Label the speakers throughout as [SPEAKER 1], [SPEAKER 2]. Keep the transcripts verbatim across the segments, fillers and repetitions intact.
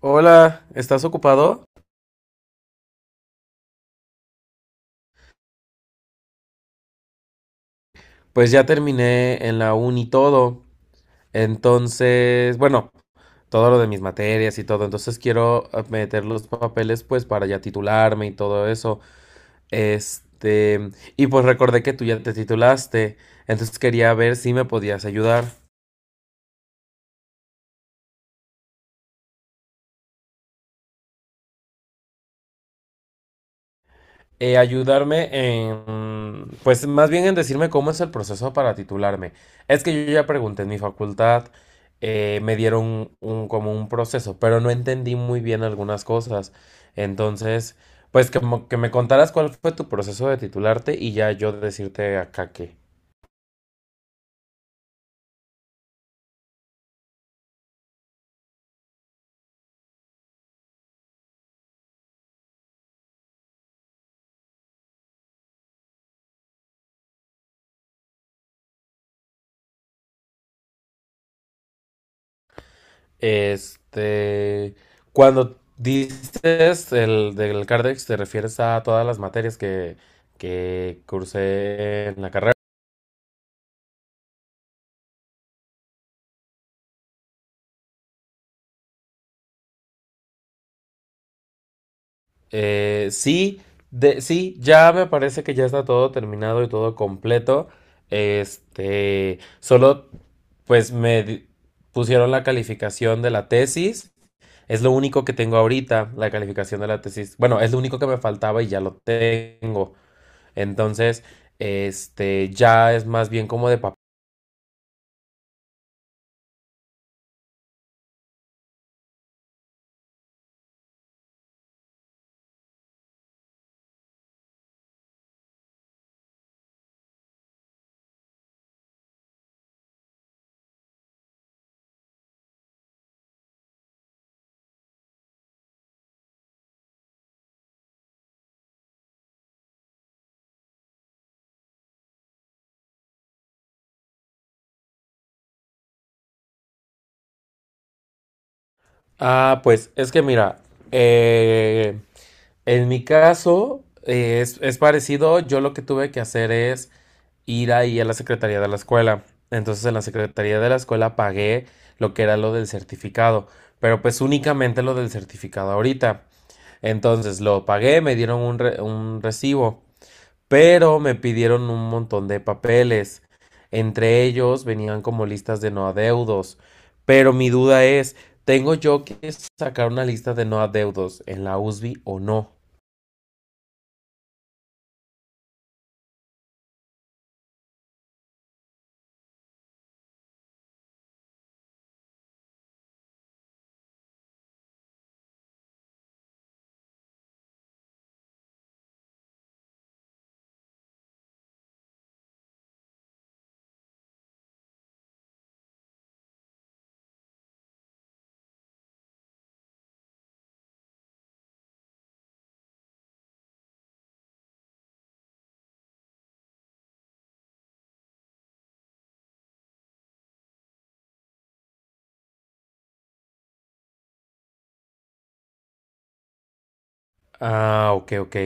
[SPEAKER 1] Hola, ¿estás ocupado? Pues ya terminé en la uni todo. Entonces, bueno, todo lo de mis materias y todo. Entonces quiero eh, meter los papeles pues para ya titularme y todo eso. Este, y pues recordé que tú ya te titulaste. Entonces quería ver si me podías ayudar. Eh, ayudarme en, pues más bien en decirme cómo es el proceso para titularme. Es que yo ya pregunté en mi facultad, eh, me dieron un, como un proceso, pero no entendí muy bien algunas cosas. Entonces, pues que, mo- que me contaras cuál fue tu proceso de titularte y ya yo decirte acá que, este, cuando dices el del CARDEX, te refieres a todas las materias que, que cursé en la carrera. Eh, sí, de, sí, ya me parece que ya está todo terminado y todo completo. Este, solo pues me di- pusieron la calificación de la tesis. Es lo único que tengo ahorita, la calificación de la tesis. Bueno, es lo único que me faltaba y ya lo tengo. Entonces, este, ya es más bien como de papel. Ah, pues es que mira, eh, en mi caso eh, es, es parecido, yo lo que tuve que hacer es ir ahí a la secretaría de la escuela. Entonces en la secretaría de la escuela pagué lo que era lo del certificado, pero pues únicamente lo del certificado ahorita. Entonces lo pagué, me dieron un, re- un recibo, pero me pidieron un montón de papeles. Entre ellos venían como listas de no adeudos. Pero mi duda es, ¿tengo yo que sacar una lista de no adeudos en la U S B o no? Ah, ok, ok.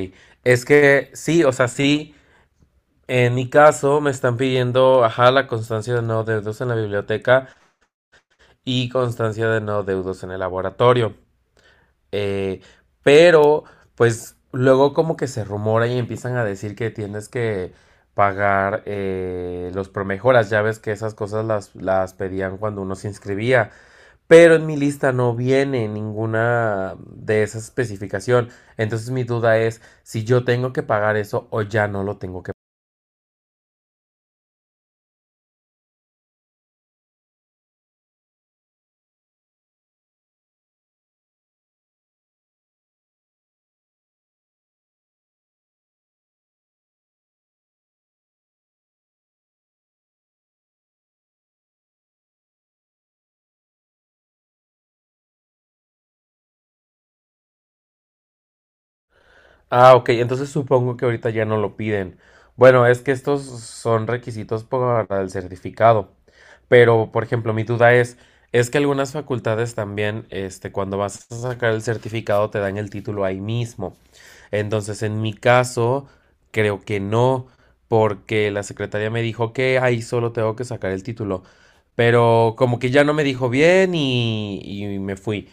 [SPEAKER 1] Es que sí, o sea, sí, en mi caso me están pidiendo, ajá, la constancia de no adeudos en la biblioteca y constancia de no adeudos en el laboratorio. Eh, pero, pues luego como que se rumora y empiezan a decir que tienes que pagar eh, los promejoras. Ya ves que esas cosas las, las pedían cuando uno se inscribía. Pero en mi lista no viene ninguna de esa especificación. Entonces mi duda es si yo tengo que pagar eso o ya no lo tengo. Ah, ok, entonces supongo que ahorita ya no lo piden. Bueno, es que estos son requisitos para el certificado. Pero, por ejemplo, mi duda es, es que algunas facultades también, este, cuando vas a sacar el certificado te dan el título ahí mismo. Entonces, en mi caso, creo que no, porque la secretaria me dijo que ahí solo tengo que sacar el título. Pero como que ya no me dijo bien y, y me fui.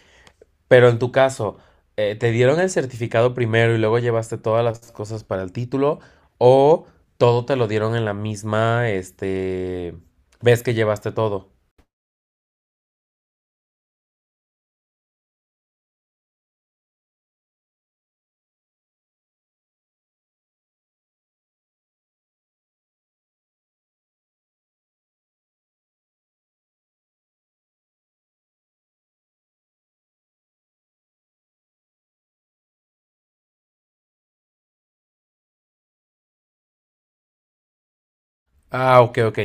[SPEAKER 1] Pero en tu caso, eh, ¿te dieron el certificado primero y luego llevaste todas las cosas para el título? ¿O todo te lo dieron en la misma, este, vez que llevaste todo? Ah, ok, ok.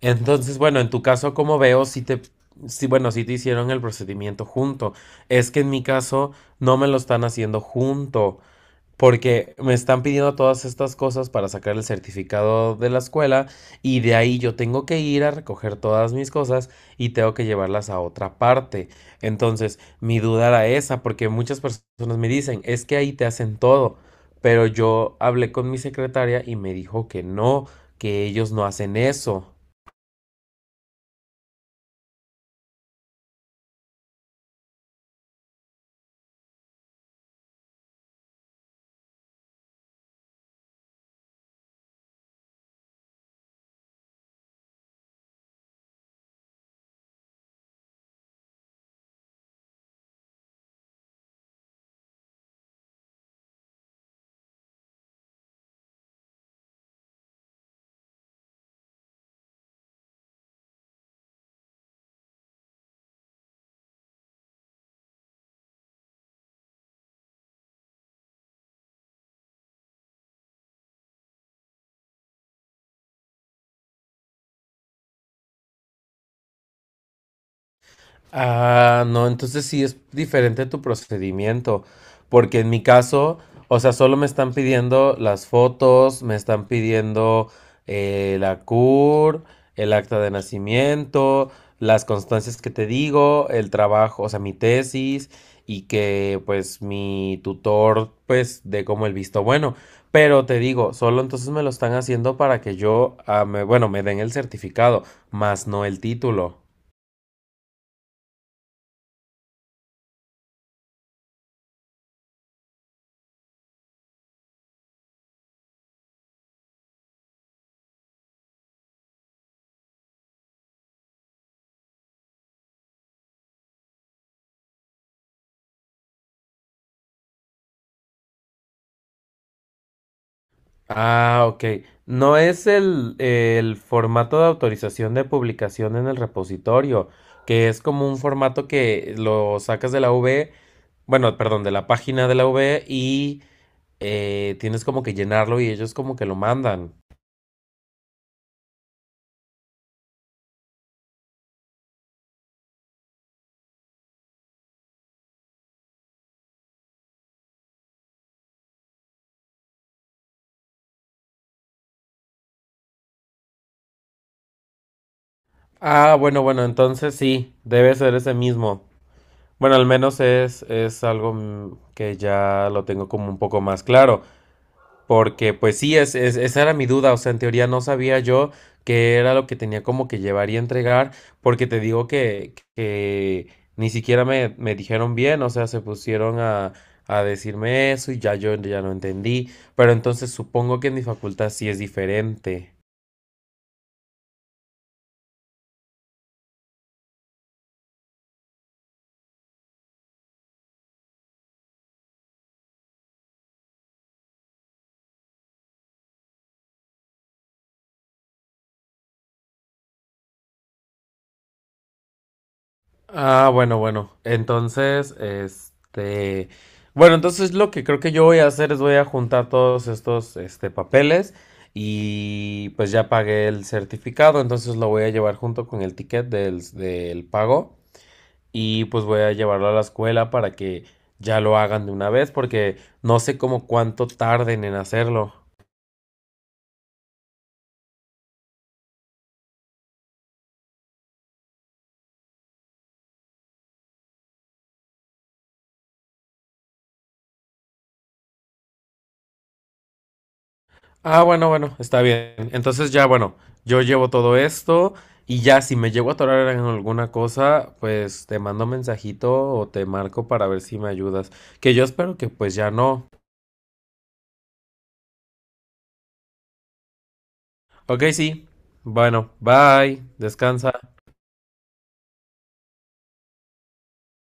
[SPEAKER 1] Entonces, bueno, en tu caso, como veo, si te, sí, bueno, si te hicieron el procedimiento junto. Es que en mi caso no me lo están haciendo junto. Porque me están pidiendo todas estas cosas para sacar el certificado de la escuela y de ahí yo tengo que ir a recoger todas mis cosas y tengo que llevarlas a otra parte. Entonces, mi duda era esa, porque muchas personas me dicen, es que ahí te hacen todo, pero yo hablé con mi secretaria y me dijo que no, que ellos no hacen eso. Ah, no, entonces sí es diferente tu procedimiento, porque en mi caso, o sea, solo me están pidiendo las fotos, me están pidiendo eh, la C U R, el acta de nacimiento, las constancias que te digo, el trabajo, o sea, mi tesis y que pues mi tutor pues dé como el visto bueno, pero te digo, solo entonces me lo están haciendo para que yo, ah, me- bueno, me den el certificado, más no el título. Ah, ok. No es el, el formato de autorización de publicación en el repositorio, que es como un formato que lo sacas de la V, bueno, perdón, de la página de la V y eh, tienes como que llenarlo y ellos como que lo mandan. Ah, bueno, bueno, entonces sí, debe ser ese mismo. Bueno, al menos es, es algo mm, que ya lo tengo como un poco más claro. Porque pues sí, es, es- esa era mi duda, o sea, en teoría no sabía yo qué era lo que tenía como que llevar y entregar, porque te digo que, que ni siquiera me, me dijeron bien, o sea, se pusieron a, a decirme eso y ya yo ya no entendí, pero entonces supongo que en mi facultad sí es diferente. Ah, bueno, bueno. Entonces, este, bueno, entonces lo que creo que yo voy a hacer es voy a juntar todos estos, este, papeles y pues ya pagué el certificado, entonces lo voy a llevar junto con el ticket del, del pago y pues voy a llevarlo a la escuela para que ya lo hagan de una vez porque no sé cómo cuánto tarden en hacerlo. Ah, bueno, bueno, está bien. Entonces ya, bueno, yo llevo todo esto y ya si me llego a atorar en alguna cosa, pues te mando mensajito o te marco para ver si me ayudas. Que yo espero que pues ya no. Ok, sí. Bueno, bye. Descansa.